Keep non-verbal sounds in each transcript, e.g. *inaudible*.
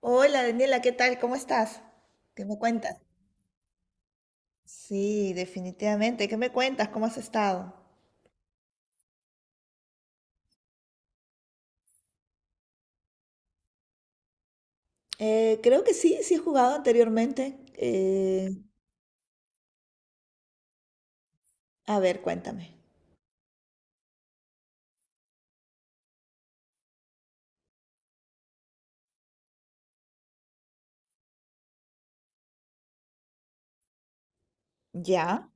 Hola Daniela, ¿qué tal? ¿Cómo estás? ¿Qué me cuentas? Sí, definitivamente. ¿Qué me cuentas? ¿Cómo has estado? Creo que sí, sí he jugado anteriormente. A ver, cuéntame. ¿Ya?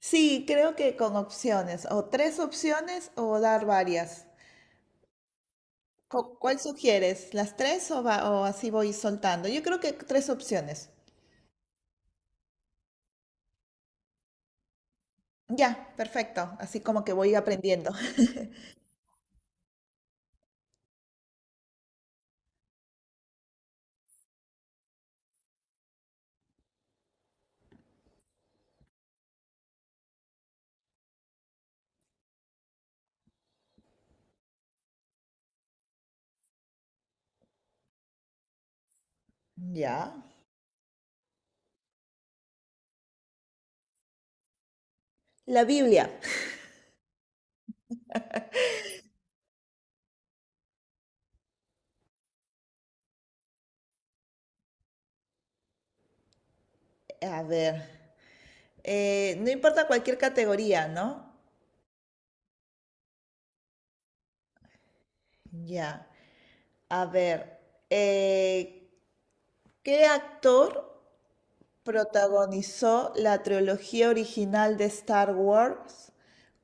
Sí, creo que con opciones, o tres opciones o dar varias. ¿Cuál sugieres? ¿Las tres o, o así voy soltando? Yo creo que tres opciones. Ya, perfecto. Así como que voy aprendiendo. *laughs* Ya. La Biblia. A ver. No importa cualquier categoría, ¿no? Ya. A ver, eh, ¿qué actor protagonizó la trilogía original de Star Wars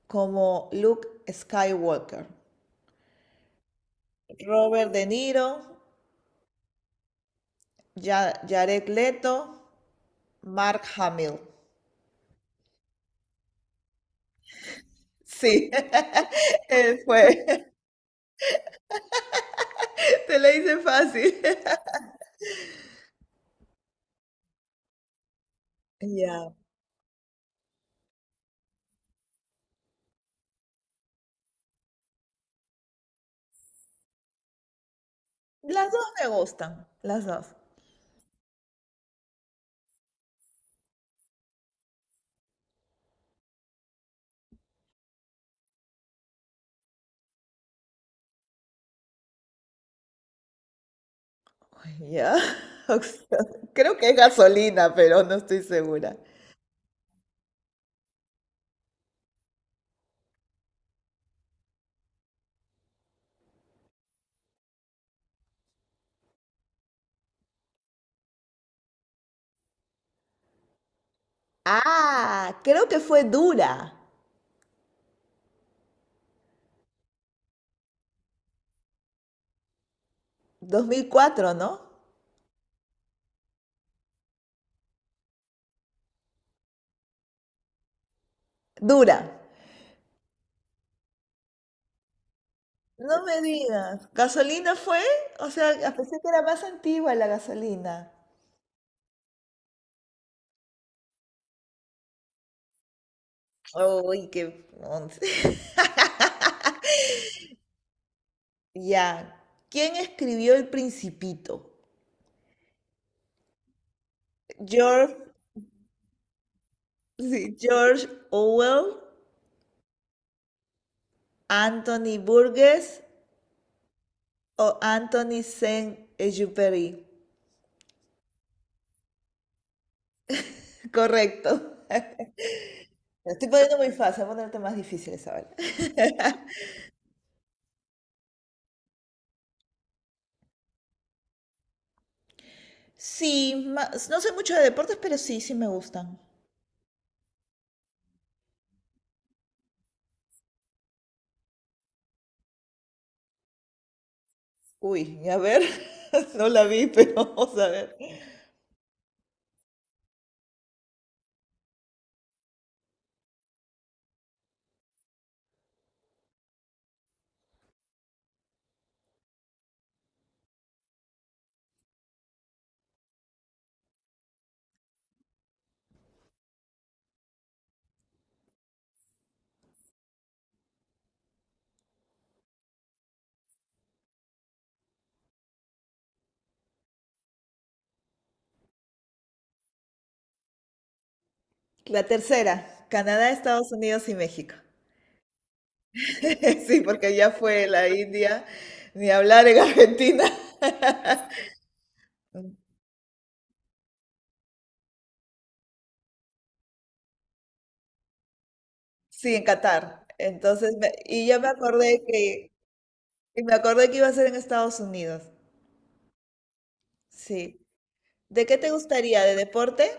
como Luke Skywalker? Robert De Niro, Jared Leto, Mark Hamill. Sí, *laughs* fue. *laughs* Te la hice fácil. *laughs* Ya. Las dos me gustan, las dos. Ya. *laughs* Oxo- Creo que es gasolina, pero no estoy segura. Ah, creo que fue Dura. 2004, ¿no? Dura. No me digas. ¿Gasolina fue? O sea, pensé que era más antigua la gasolina. Uy, once. *laughs* Ya. ¿Quién escribió El Principito? George, sí, George Orwell, Anthony Burgess o Anthony Saint-Exupéry. Correcto. Lo estoy poniendo muy fácil, voy a ponerte más difíciles ahora. Sí, no sé mucho de deportes, pero sí, sí me gustan. Uy, a ver, *laughs* no la vi, pero vamos a ver. La tercera, Canadá, Estados Unidos y México. *laughs* Sí, porque ya fue la India, ni hablar en Argentina. *laughs* Sí, en Qatar. Entonces, y me acordé que iba a ser en Estados Unidos. Sí. ¿De qué te gustaría? ¿De deporte?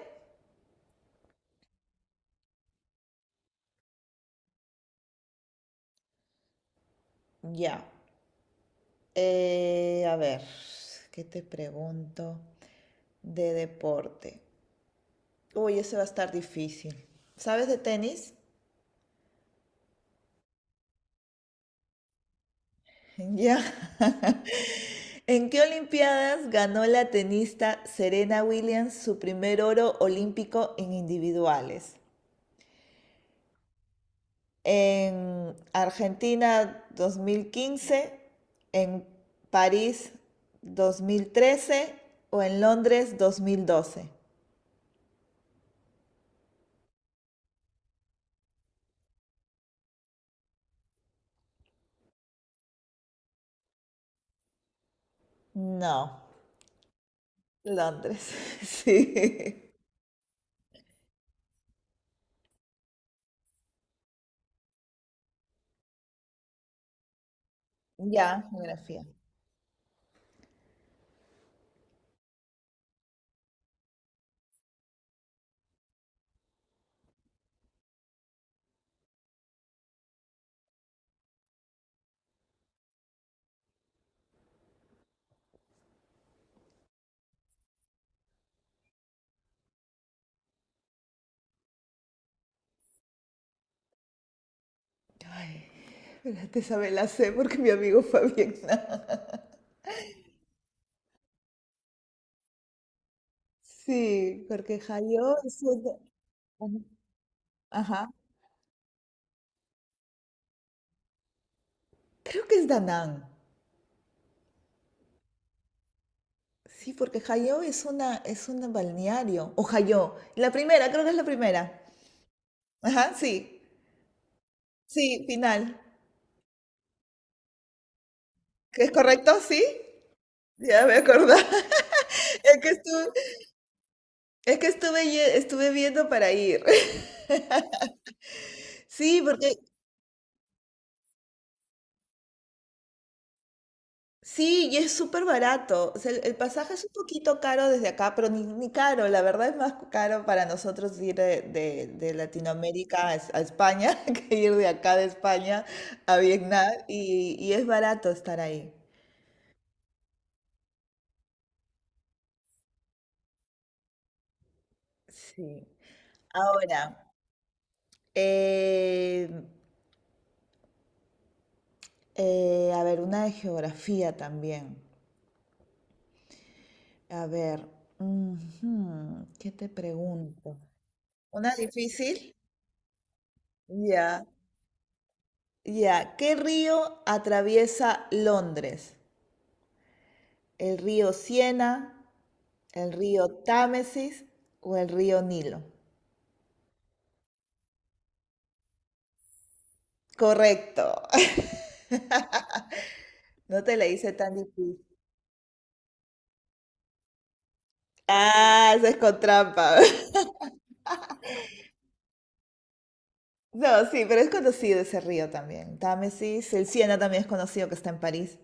Ya. A ver, ¿qué te pregunto? De deporte. Uy, ese va a estar difícil. ¿Sabes de tenis? *laughs* Ya. *laughs* ¿En qué Olimpiadas ganó la tenista Serena Williams su primer oro olímpico en individuales? En Argentina 2015, en París 2013 o en Londres 2012. No, Londres, *laughs* sí. Ya, geografía. Ay, espérate, esa me la sé porque mi amigo fue a Vietnam. *laughs* Sí, porque Hayo es una... Ajá. Creo que es Danang. Sí, porque Hayo es un balneario. O Hayo. La primera, creo que es la primera. Ajá, sí. Sí, final. ¿Es correcto? Sí. Ya me acordaba. *laughs* Es que estuve, es que estuve, ye- estuve viendo para ir. *laughs* Sí, porque sí, y es súper barato. O sea, el pasaje es un poquito caro desde acá, pero ni caro. La verdad es más caro para nosotros ir de Latinoamérica a a España *laughs* que ir de acá de España a Vietnam. Y es barato estar ahí. Sí. Ahora, eh, a ver, una de geografía también. A ver, ujú, ¿qué te pregunto? ¿Una difícil? Ya. Ya, ¿qué río atraviesa Londres? ¿El río Siena, el río Támesis o el río Nilo? Correcto. *laughs* No te la hice tan difícil. Ah, eso es con trampa. *laughs* No, sí, pero es conocido ese río también. Támesis, el Siena también es conocido que está en París.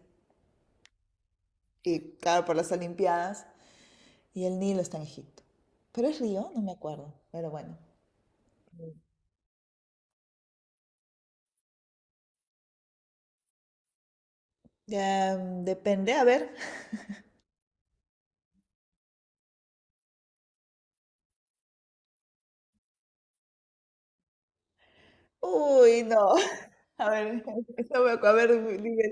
Y claro, por las Olimpiadas. Y el Nilo está en Egipto. ¿Pero es río? No me acuerdo. Pero bueno. Ya, depende. A ver. Uy, no. *laughs* A ver, A ver, dime.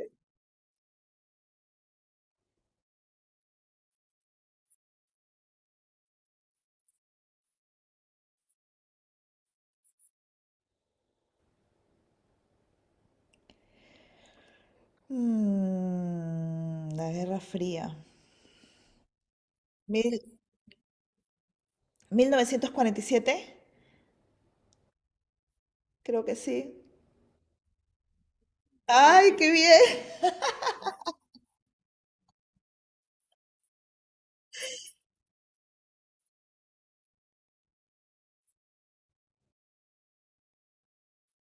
La Guerra Fría. Mil- 1947, creo que sí. ¡Ay, qué bien!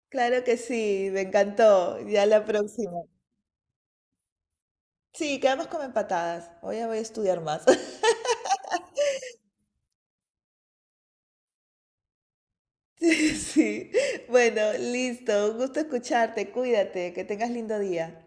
Claro que sí, me encantó. Ya la próxima. Sí, quedamos como empatadas. Hoy ya voy a estudiar más. *laughs* Sí, sí. Bueno, listo. Un gusto escucharte. Cuídate. Que tengas lindo día.